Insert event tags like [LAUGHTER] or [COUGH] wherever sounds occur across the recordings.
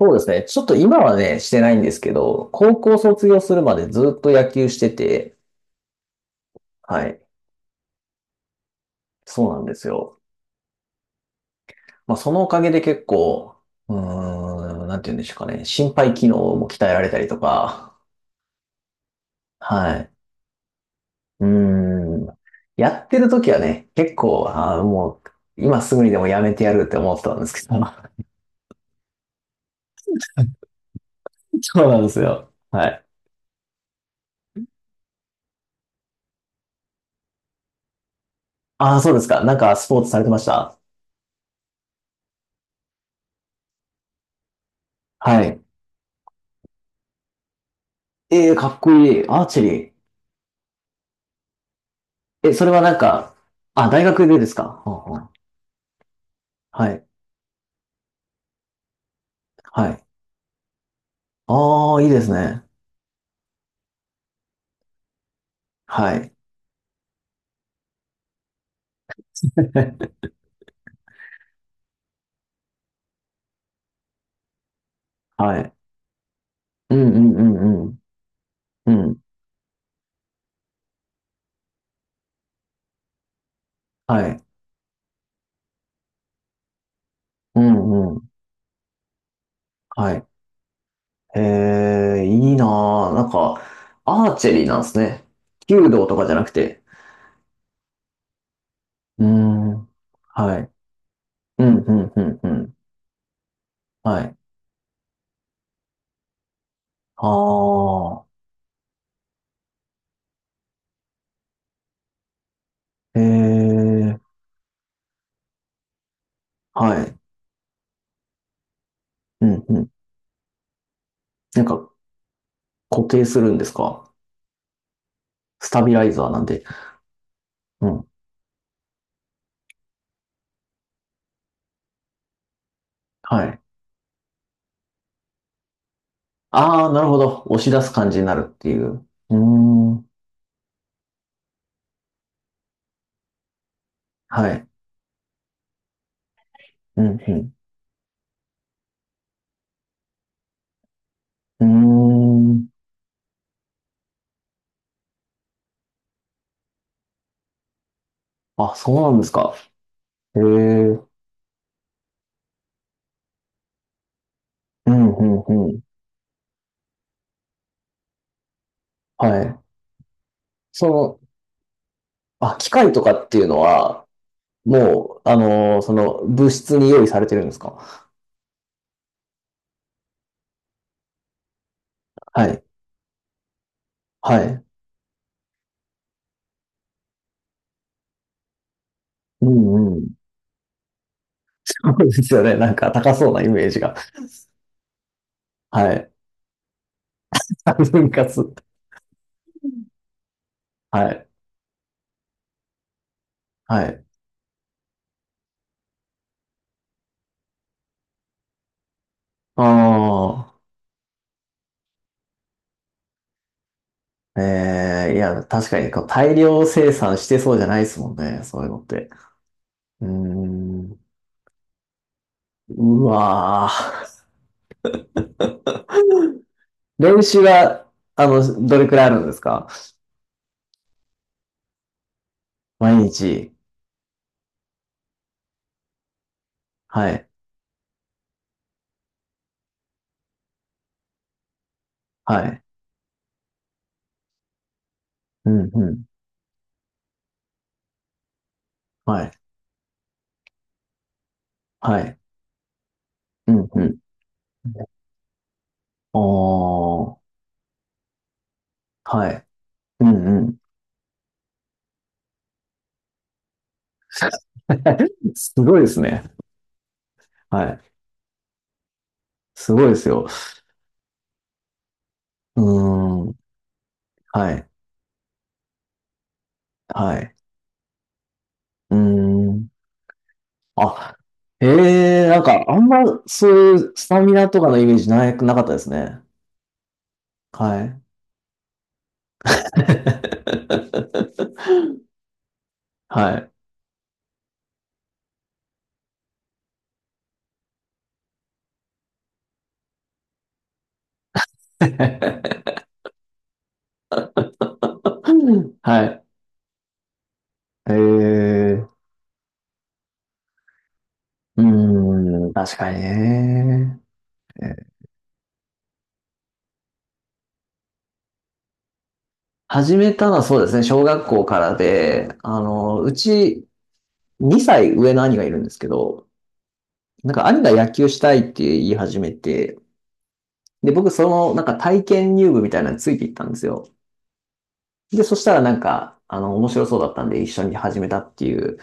そうですね。ちょっと今はね、してないんですけど、高校卒業するまでずっと野球してて、はい。そうなんですよ。まあ、そのおかげで結構、なんて言うんでしょうかね。心肺機能も鍛えられたりとか、はい。うーん。やってる時はね、結構、あーもう、今すぐにでもやめてやるって思ってたんですけど。[LAUGHS] そうなんですよ。はい。ああ、そうですか。なんかスポーツされてました？はい。ええ、かっこいい。アーチェリー。え、それはなんか、あ、大学でですか？ほうほう。はい。はい。ああ、いいですね。はい。[LAUGHS] はい。うんうんうんうん。うん。はい。うんうん。はい。いいなぁ、なんか、アーチェリーなんですね。弓道とかじゃなくて。うーん。はい。うんうんうんうん。はい。ああ、えー、はい。うんうん。なんか、固定するんですか？スタビライザーなんで。うん。はい。ああ、なるほど。押し出す感じになるっていう。うーん。はい。うん、うん。うーん。あ、そうなんですか。へえ。うん、うん、うん。はい。その、あ、機械とかっていうのは、もう、その、物質に用意されてるんですか？はい。はい。うんうん。[LAUGHS] そうですよね。なんか高そうなイメージが。はい。[LAUGHS] 分割。はい。はい。ああ。ええ、いや、確かにこう大量生産してそうじゃないですもんね、そういうのって。うーん、うわー。 [LAUGHS] 練習は、どれくらいあるんですか？毎日。はい、はい、うん、うん、はい、はい、うん、うん。おー、はい、うん、うん。[LAUGHS] すごいですね。はい。すごいですよ。うーん。はい。はい。うーん。あ、ええ、なんか、あんま、そういうスタミナとかのイメージなくなかったですね。はい。[LAUGHS] はい。[LAUGHS] はい。ええ、確かにね。始めたのはそうですね、小学校からで、うち2歳上の兄がいるんですけど、なんか兄が野球したいって言い始めて、で、僕その、なんか体験入部みたいなのについていったんですよ。で、そしたらなんか、面白そうだったんで一緒に始めたっていう、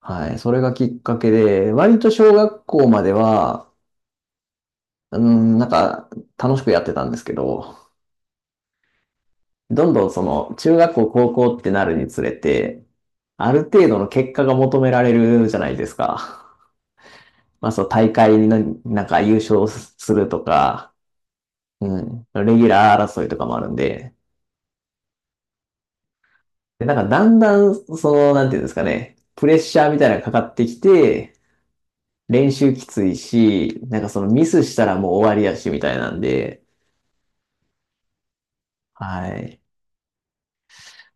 はい、それがきっかけで、割と小学校までは、うん、なんか、楽しくやってたんですけど、どんどんその、中学校、高校ってなるにつれて、ある程度の結果が求められるじゃないですか。まあ、そう、大会になんか優勝するとか、うん、レギュラー争いとかもあるんで、で、なんかだんだん、その、なんていうんですかね、プレッシャーみたいなのがかかってきて、練習きついし、なんかそのミスしたらもう終わりやし、みたいなんで、はい。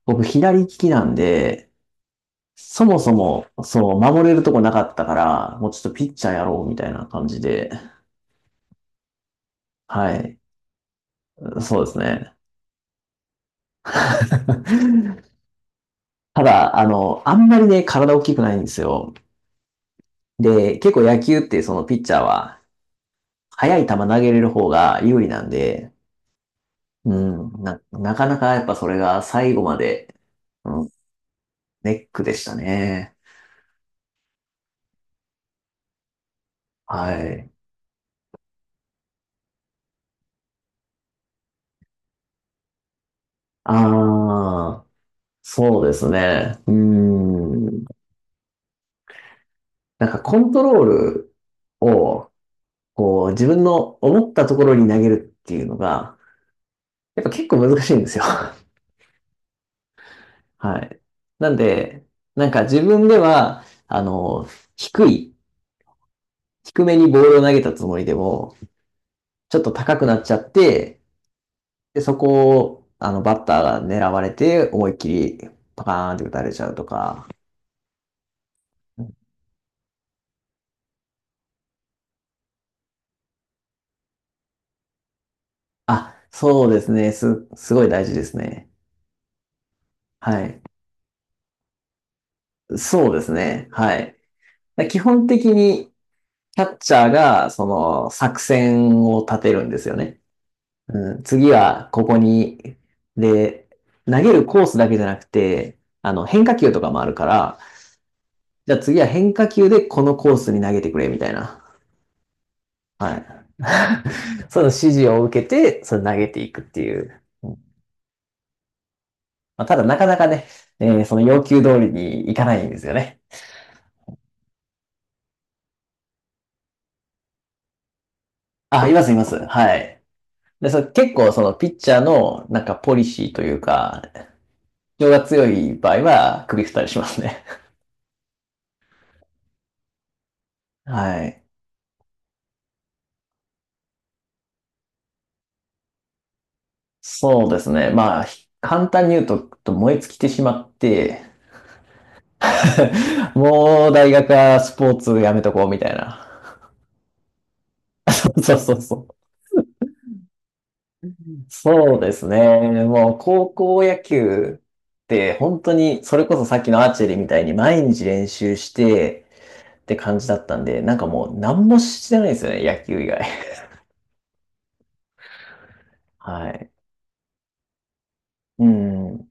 僕、左利きなんで、そもそも、そう、守れるとこなかったから、もうちょっとピッチャーやろう、みたいな感じで、はい。そうですね。[LAUGHS] ただ、あんまりね、体大きくないんですよ。で、結構野球ってそのピッチャーは、速い球投げれる方が有利なんで、うん、なかなかやっぱそれが最後まで、うん、ネックでしたね。はい。ああ、そうですね。うーん。なんかコントロールを、こう、自分の思ったところに投げるっていうのが、やっぱ結構難しいんですよ。[LAUGHS] はい。なんで、なんか自分では、低い、低めにボールを投げたつもりでも、ちょっと高くなっちゃって、で、そこを、バッターが狙われて、思いっきりパカーンって打たれちゃうとか、あ、そうですね。すごい大事ですね。はい。そうですね。はい。基本的に、キャッチャーが、その、作戦を立てるんですよね。うん、次は、ここに、で、投げるコースだけじゃなくて、変化球とかもあるから、じゃあ次は変化球でこのコースに投げてくれ、みたいな。はい。その指示を受けて、それ投げていくっていう。まあ、ただ、なかなかね、その要求通りにいかないんですよね。あ、います、います。はい。で、結構そのピッチャーのなんかポリシーというか、主張が強い場合は首振ったりしますね。[LAUGHS] はい。そうですね。まあ、簡単に言うと、燃え尽きてしまって、[LAUGHS] もう大学はスポーツやめとこうみたいな。[LAUGHS] そうそうそうそう。そうですね。もう高校野球って本当に、それこそさっきのアーチェリーみたいに毎日練習してって感じだったんで、なんかもう何もしてないですよね、野球以外。はい。うん。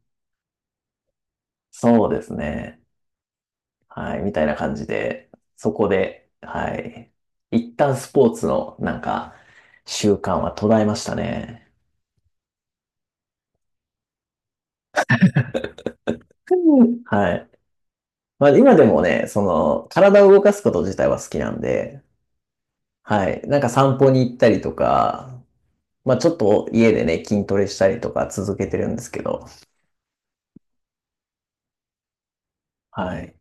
そうですね。はい。みたいな感じで、そこで、はい。一旦スポーツの、なんか、習慣は途絶えましたね。うん。はい。まあ、今でもね、その、体を動かすこと自体は好きなんで、はい。なんか散歩に行ったりとか、まあ、ちょっと家でね、筋トレしたりとか続けてるんですけど、はい。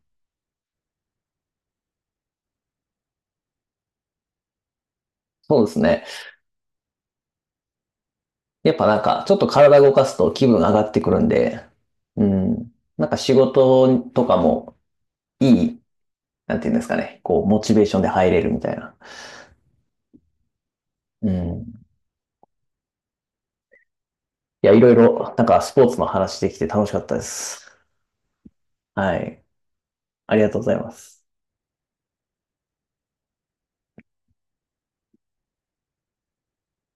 そうですね。やっぱなんか、ちょっと体動かすと気分上がってくるんで、うん。なんか仕事とかもいい、なんていうんですかね、こう、モチベーションで入れるみたいな。うん。いや、いろいろ、なんかスポーツの話できて楽しかったです。はい。ありがとうございます。